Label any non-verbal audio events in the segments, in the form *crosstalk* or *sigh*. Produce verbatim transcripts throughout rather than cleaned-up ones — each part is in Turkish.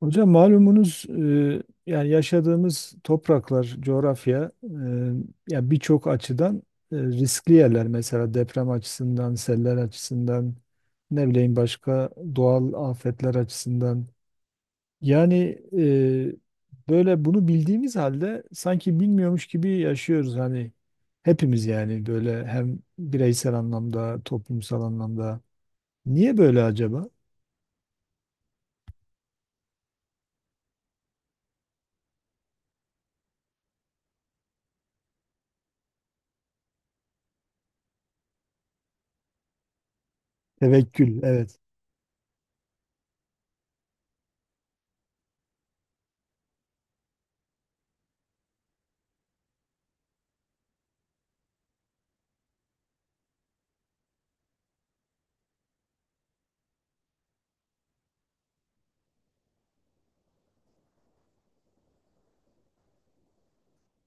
Hocam malumunuz e, yani yaşadığımız topraklar, coğrafya, e, ya birçok açıdan e, riskli yerler. Mesela deprem açısından, seller açısından, ne bileyim başka doğal afetler açısından. Yani e, böyle bunu bildiğimiz halde sanki bilmiyormuş gibi yaşıyoruz hani hepimiz, yani böyle hem bireysel anlamda, toplumsal anlamda. Niye böyle acaba? Tevekkül, evet.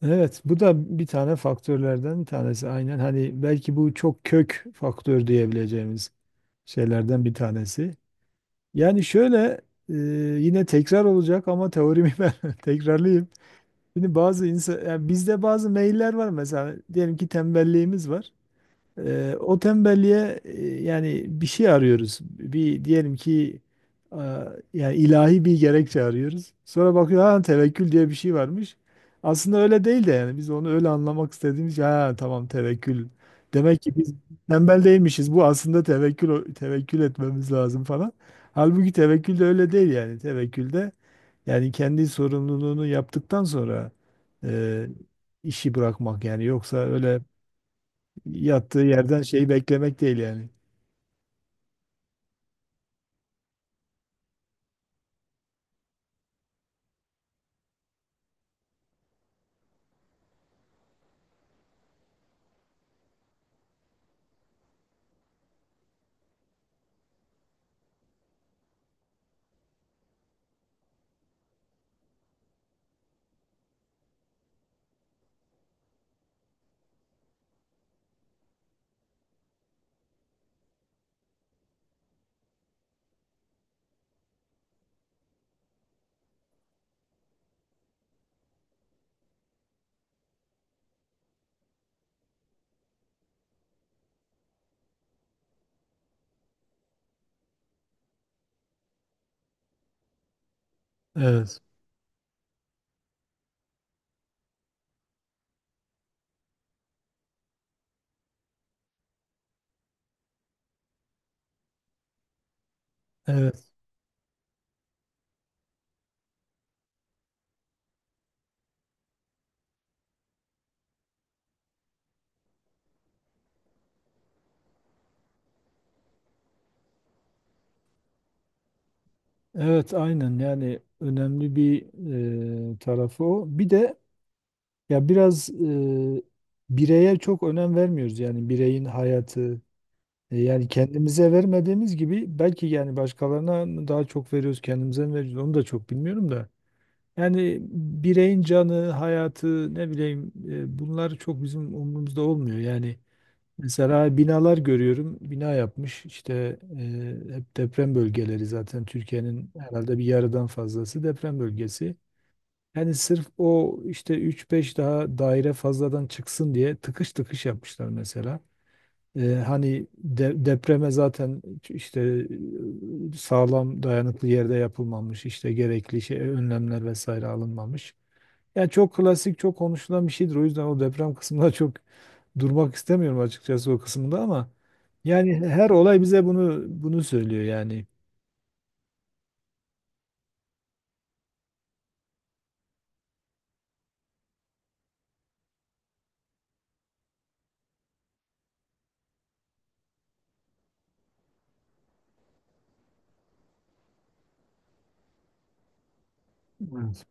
Evet, bu da bir tane faktörlerden bir tanesi. Aynen, hani belki bu çok kök faktör diyebileceğimiz şeylerden bir tanesi. Yani şöyle, e, yine tekrar olacak ama teorimi *laughs* ben tekrarlayayım. Şimdi bazı insan, yani bizde bazı meyiller var mesela. Diyelim ki tembelliğimiz var. Ee, o tembelliğe e, yani bir şey arıyoruz. Bir diyelim ki, e, yani ilahi bir gerekçe arıyoruz. Sonra bakıyor, ha tevekkül diye bir şey varmış. Aslında öyle değil de, yani biz onu öyle anlamak istediğimiz için, ha tamam tevekkül. Demek ki biz tembel değilmişiz. Bu aslında tevekkül, tevekkül etmemiz lazım falan. Halbuki tevekkül de öyle değil yani. Tevekkülde yani kendi sorumluluğunu yaptıktan sonra e, işi bırakmak, yani yoksa öyle yattığı yerden şeyi beklemek değil yani. Evet, evet, evet, aynen, yani önemli bir e, tarafı o. Bir de ya biraz e, bireye çok önem vermiyoruz, yani bireyin hayatı. E, yani kendimize vermediğimiz gibi belki, yani başkalarına daha çok veriyoruz, kendimize mi veriyoruz onu da çok bilmiyorum da. Yani bireyin canı, hayatı, ne bileyim, e, bunlar çok bizim umurumuzda olmuyor. Yani mesela binalar görüyorum. Bina yapmış işte, e, hep deprem bölgeleri, zaten Türkiye'nin herhalde bir yarıdan fazlası deprem bölgesi. Yani sırf o, işte üç beş daha daire fazladan çıksın diye tıkış tıkış yapmışlar mesela. E, hani de- depreme zaten işte e, sağlam dayanıklı yerde yapılmamış, işte gerekli şey önlemler vesaire alınmamış. Ya çok klasik, çok konuşulan bir şeydir. O yüzden o deprem kısmında *laughs* çok durmak istemiyorum açıkçası o kısımda ama yani her olay bize bunu bunu söylüyor yani. Evet.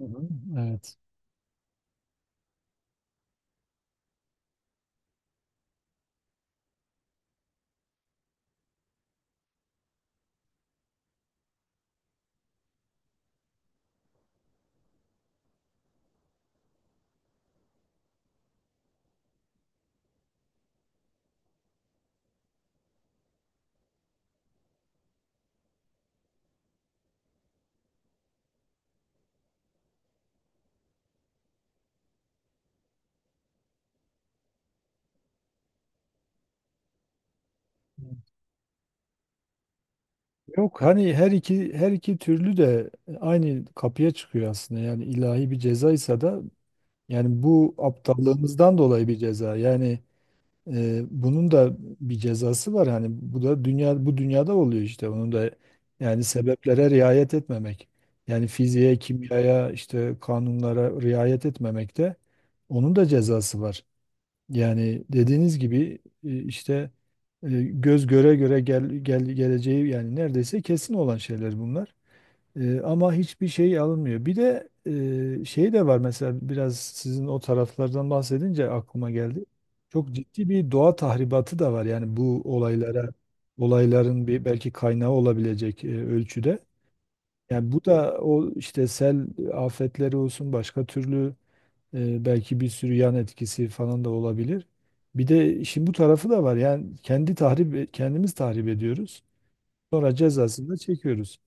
Hı hı. Evet. Yok, hani her iki her iki türlü de aynı kapıya çıkıyor aslında. Yani ilahi bir cezaysa da yani bu aptallığımızdan dolayı bir ceza. Yani ee, bunun da bir cezası var yani, bu da dünya, bu dünyada oluyor, işte onun da yani sebeplere riayet etmemek, yani fiziğe, kimyaya, işte kanunlara riayet etmemek de, onun da cezası var yani, dediğiniz gibi, e, işte e, göz göre göre gel, gel geleceği, yani neredeyse kesin olan şeyler bunlar. Ee, ama hiçbir şey alınmıyor. Bir de e, şey de var mesela, biraz sizin o taraflardan bahsedince aklıma geldi. Çok ciddi bir doğa tahribatı da var. Yani bu olaylara, olayların bir belki kaynağı olabilecek e, ölçüde. Yani bu da o, işte sel afetleri olsun, başka türlü e, belki bir sürü yan etkisi falan da olabilir. Bir de işin bu tarafı da var. Yani kendi tahrip, kendimiz tahrip ediyoruz. Sonra cezasını da çekiyoruz.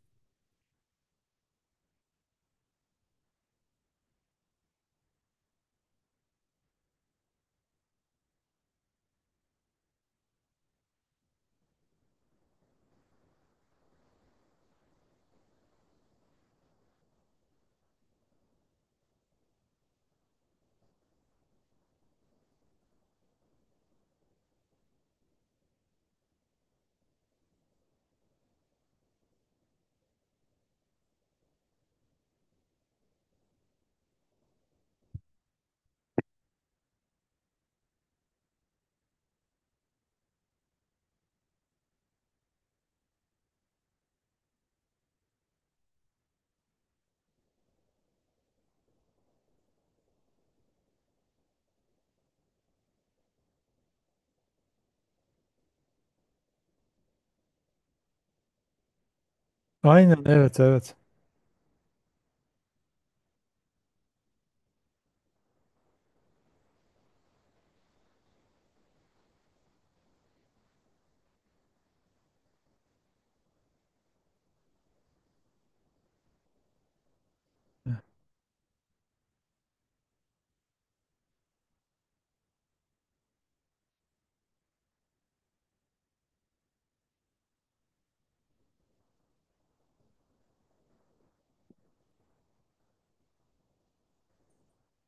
Aynen, evet evet.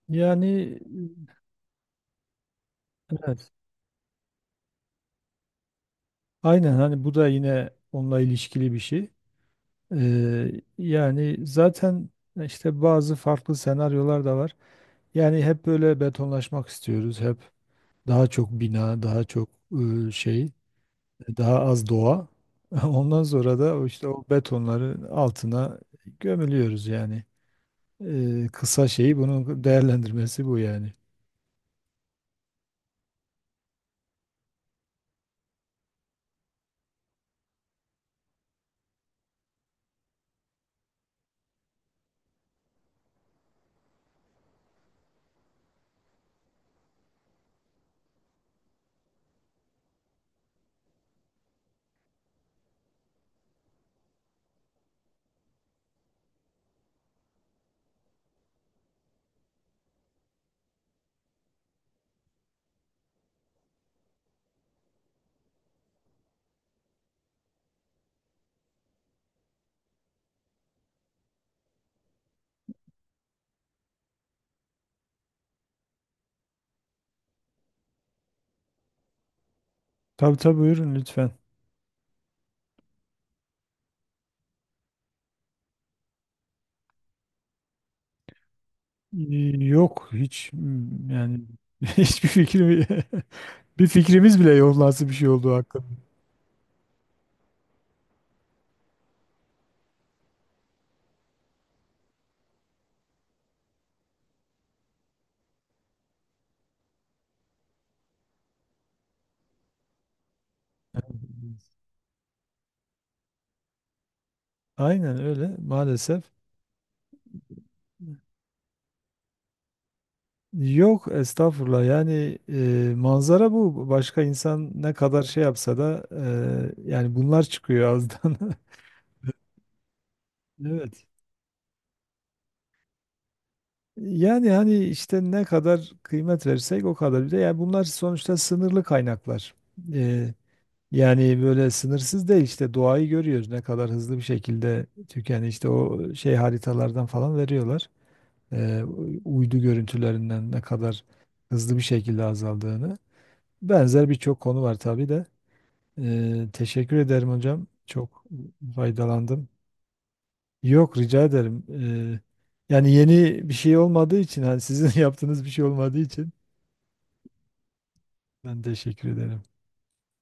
Yani evet. Aynen, hani bu da yine onunla ilişkili bir şey. Ee, yani zaten işte bazı farklı senaryolar da var. Yani hep böyle betonlaşmak istiyoruz. Hep daha çok bina, daha çok e, şey, daha az doğa. *laughs* Ondan sonra da o, işte o betonların altına gömülüyoruz yani. Ee, kısa şeyi, bunun değerlendirmesi bu yani. Tabii tabii, buyurun lütfen. Yok hiç, mm, yani *laughs* hiçbir fikrim *laughs* bir fikrimiz bile yok nasıl bir şey olduğu hakkında. Aynen öyle maalesef. Yok estağfurullah, yani e, manzara bu. Başka insan ne kadar şey yapsa da e, yani bunlar çıkıyor ağızdan. *laughs* Evet. Yani hani işte ne kadar kıymet verirsek o kadar. Bir de yani bunlar sonuçta sınırlı kaynaklar. E, Yani böyle sınırsız değil, işte doğayı görüyoruz ne kadar hızlı bir şekilde tükeni, işte o şey haritalardan falan veriyorlar. Ee, uydu görüntülerinden ne kadar hızlı bir şekilde azaldığını. Benzer birçok konu var tabii de. Ee, teşekkür ederim hocam. Çok faydalandım. Yok rica ederim. Ee, yani yeni bir şey olmadığı için, hani sizin *laughs* yaptığınız bir şey olmadığı için ben teşekkür ederim.